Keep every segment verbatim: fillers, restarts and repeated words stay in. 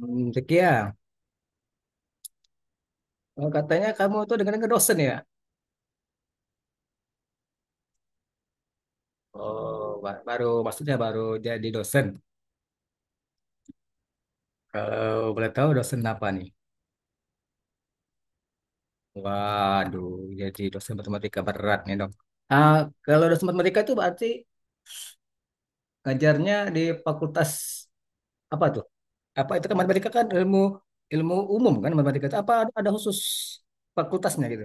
Hmm, Zeki ya. Oh, katanya kamu tuh dengan dengan dosen ya? Oh, ba- baru maksudnya baru jadi dosen. Kalau boleh tahu dosen apa nih? Waduh, jadi dosen matematika berat nih dong. Ah, kalau dosen matematika itu berarti ngajarnya di fakultas apa tuh? Apa itu kan matematika kan ilmu ilmu umum kan matematika itu apa ada khusus fakultasnya gitu?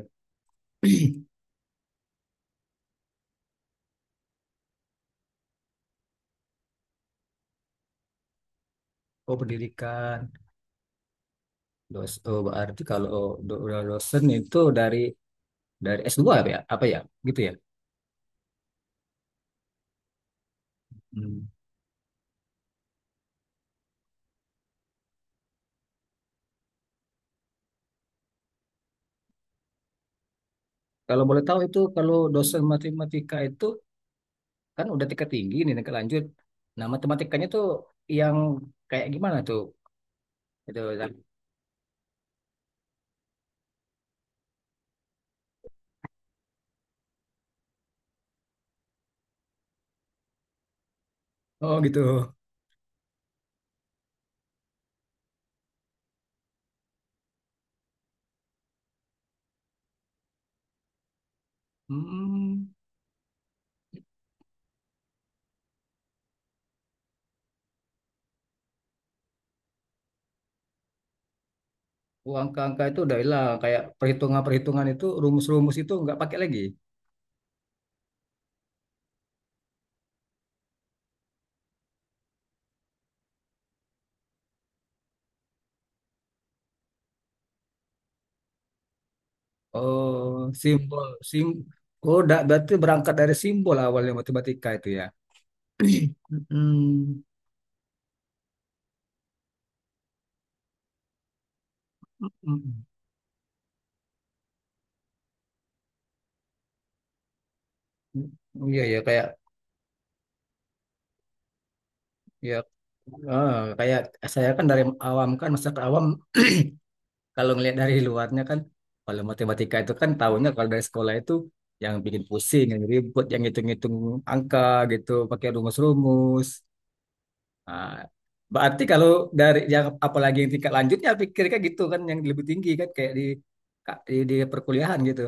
Oh, pendidikan. Dos, oh, berarti kalau do- dosen itu dari dari s dua apa ya? Apa ya? Gitu ya? Hmm. Kalau boleh tahu itu kalau dosen matematika itu kan udah tingkat tinggi nih tingkat lanjut. Nah, matematikanya tuh yang kayak gimana tuh? Gitu. Zak. Oh, gitu. Hmm. Oh, angka-angka itu udah hilang kayak perhitungan-perhitungan itu rumus-rumus itu nggak pakai lagi. Oh, simbol, sim Oh, da- berarti berangkat dari simbol awalnya matematika itu ya. Hmm. Iya ya kayak ya ah, kayak saya kan dari awam kan masyarakat awam. Kalau ngelihat dari luarnya kan kalau matematika itu kan tahunya kalau dari sekolah itu yang bikin pusing, yang ribut, yang ngitung-ngitung angka gitu, pakai rumus-rumus. Nah, berarti kalau dari yang apalagi yang tingkat lanjutnya pikirnya gitu kan yang lebih tinggi kan kayak di di, di perkuliahan gitu.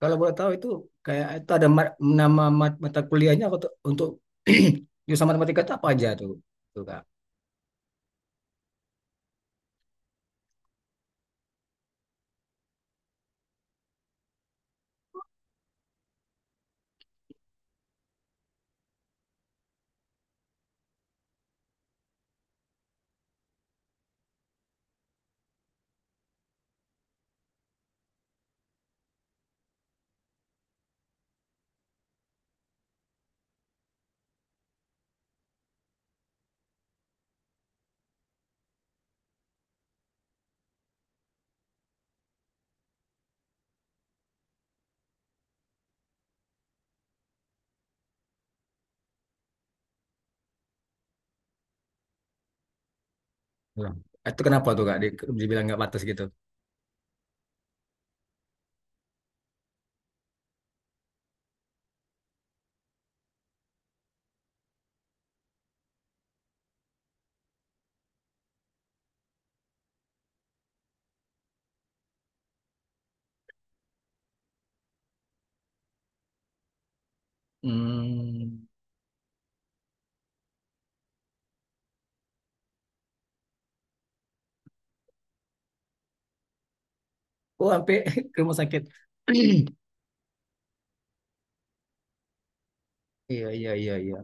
Kalau boleh tahu itu kayak itu ada ma- nama mat- mata kuliahnya untuk untuk jurusan matematika itu apa aja tuh, tuh Kak? Tuh. Itu kenapa tuh Kak di- dibilang nggak batas gitu? Hmm. Oh, sampai ke rumah sakit. Iya, iya, iya, iya.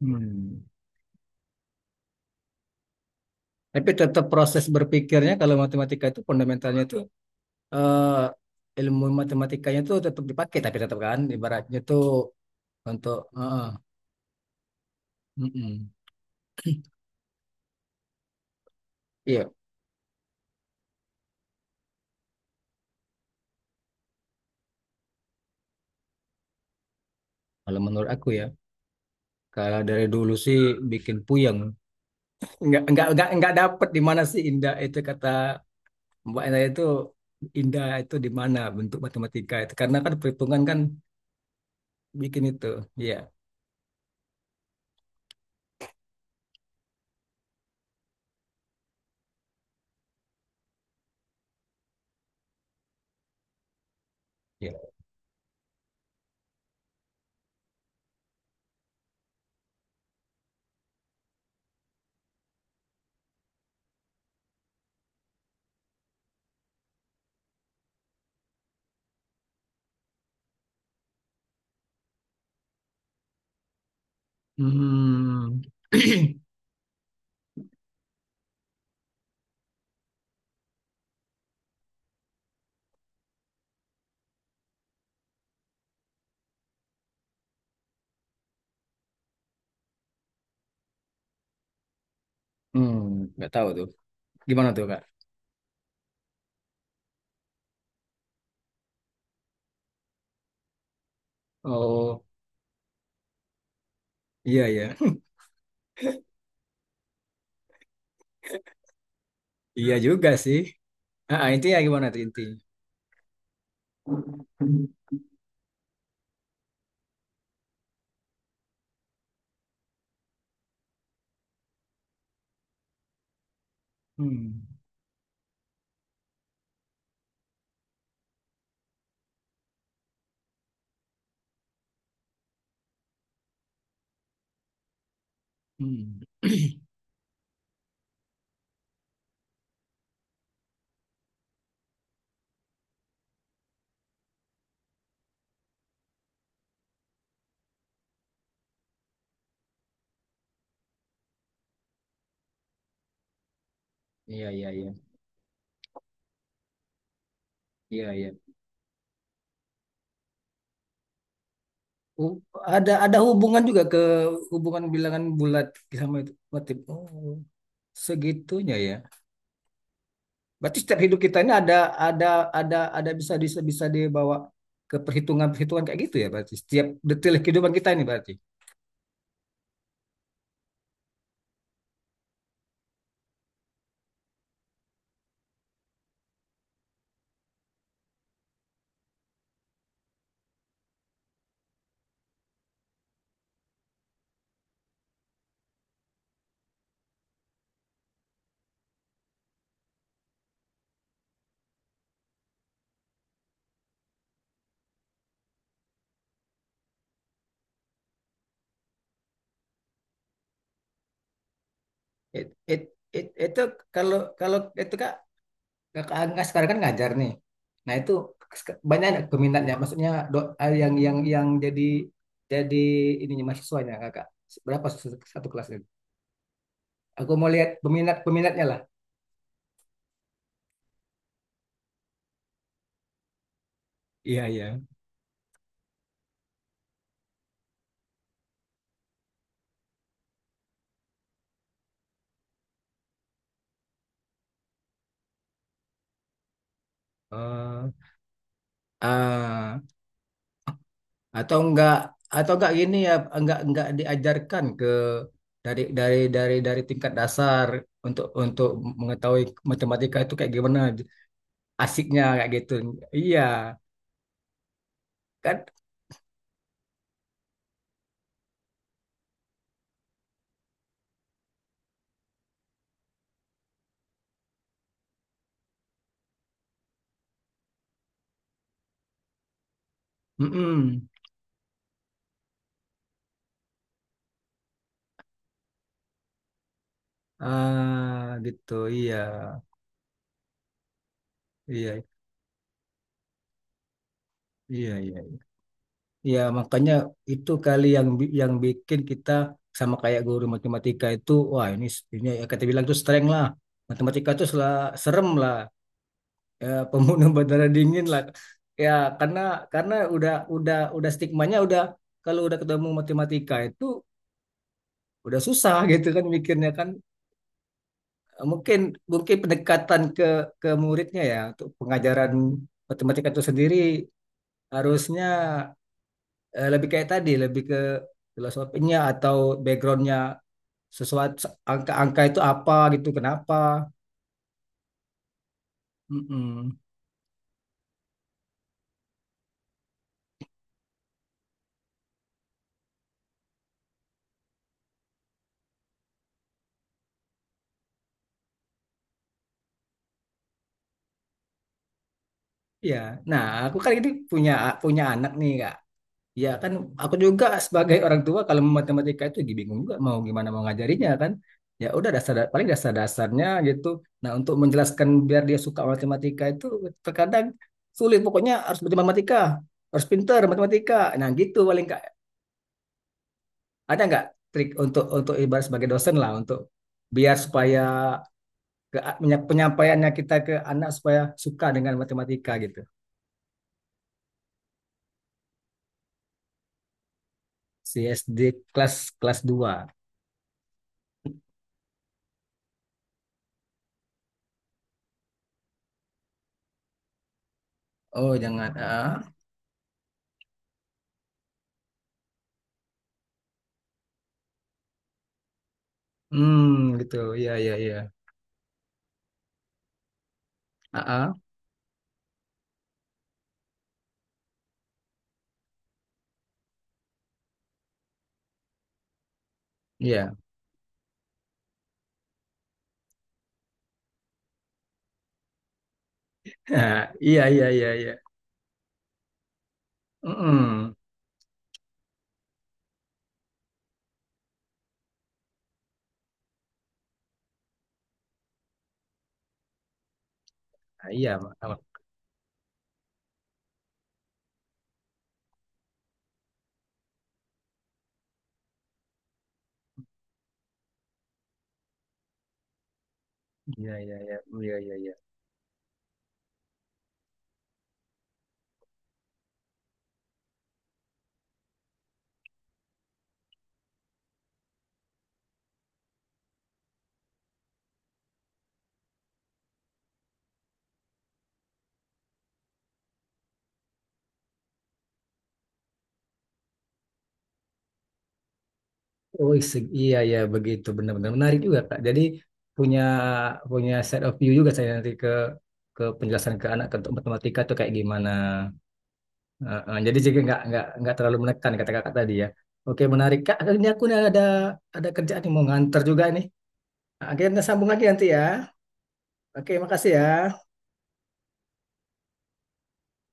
Hmm. Tapi tetap proses berpikirnya kalau matematika itu fundamentalnya itu eh, ilmu matematikanya itu tetap dipakai tapi tetap kan ibaratnya tuh untuk eh, mm-mm. Iya, kalau menurut aku ya. Kalau dari dulu sih bikin puyeng. Enggak enggak enggak enggak dapet di mana sih indah itu kata Mbak Enda itu indah itu di mana bentuk matematika itu karena kan perhitungan kan bikin itu. Iya. Hmm. Hmm, nggak tahu tuh. Gimana tuh, Kak? Oh, iya, iya. Iya juga sih. Ah, ah, intinya gimana tuh intinya? Hmm. Hmm. Iya, iya, iya. Iya, iya. Oh, ada ada hubungan juga ke hubungan bilangan bulat sama itu Watim. Oh, segitunya ya. Berarti setiap hidup kita ini ada ada ada ada bisa bisa bisa dibawa ke perhitungan-perhitungan kayak gitu ya berarti. Setiap detail kehidupan kita ini berarti. It, it, it, itu kalau kalau itu kak kakak Angga sekarang kan ngajar nih. Nah itu sek- banyak nggak peminatnya, maksudnya do, eh, yang yang yang jadi jadi ininya mahasiswanya kakak. Berapa s- satu kelas itu? Aku mau lihat peminat peminatnya lah. Iya, iya. Eh, ah, atau enggak atau enggak gini ya enggak enggak diajarkan ke dari dari dari dari tingkat dasar untuk untuk mengetahui matematika itu kayak gimana asiknya kayak gitu. Iya. Kan. Mm-mm. Ah, gitu. Iya. Iya. Iya, iya. Iya, makanya itu kali yang bi- yang bikin kita sama kayak guru matematika itu, wah, ini ini ya kita bilang tuh strength lah. Matematika itu sela, serem lah. Ya, pembunuh berdarah dingin lah. Ya, karena karena udah udah udah stigmanya udah kalau udah ketemu matematika itu udah susah gitu kan mikirnya kan. Mungkin mungkin pendekatan ke ke muridnya ya untuk pengajaran matematika itu sendiri harusnya eh, lebih kayak tadi, lebih ke filosofinya atau backgroundnya sesuatu angka-angka itu apa gitu, kenapa? Mm-mm. Ya, nah aku kan ini punya punya anak nih kak. Ya kan, aku juga sebagai orang tua kalau matematika itu bingung juga mau gimana mau ngajarinya kan. Ya udah dasar paling dasar-dasarnya gitu. Nah untuk menjelaskan biar dia suka matematika itu terkadang sulit. Pokoknya harus bermatematika, harus pintar matematika. Nah gitu paling kak. Ada nggak trik untuk untuk ibarat sebagai dosen lah untuk biar supaya ke, penyampaiannya kita ke anak supaya suka dengan matematika gitu. Si S D kelas kelas dua. Oh, jangan. Ah. Hmm, gitu. Iya, iya, iya. Ah, ah, iya. Ah, iya, iya, iya, iya. Mm-mm. Ah, iya, Mak. Ah, iya, iya, iya, iya, iya, iya. Oh, se- iya, iya, begitu. Benar-benar menarik juga, Kak. Jadi punya punya set of view juga saya nanti ke ke penjelasan ke anak ke- untuk matematika tuh kayak gimana. Uh, uh, jadi juga nggak nggak nggak terlalu menekan kata kakak tadi ya. Oke menarik kak. Ini aku nih ada ada kerjaan nih mau nganter juga nih. Akhirnya sambung lagi nanti ya. Oke makasih ya.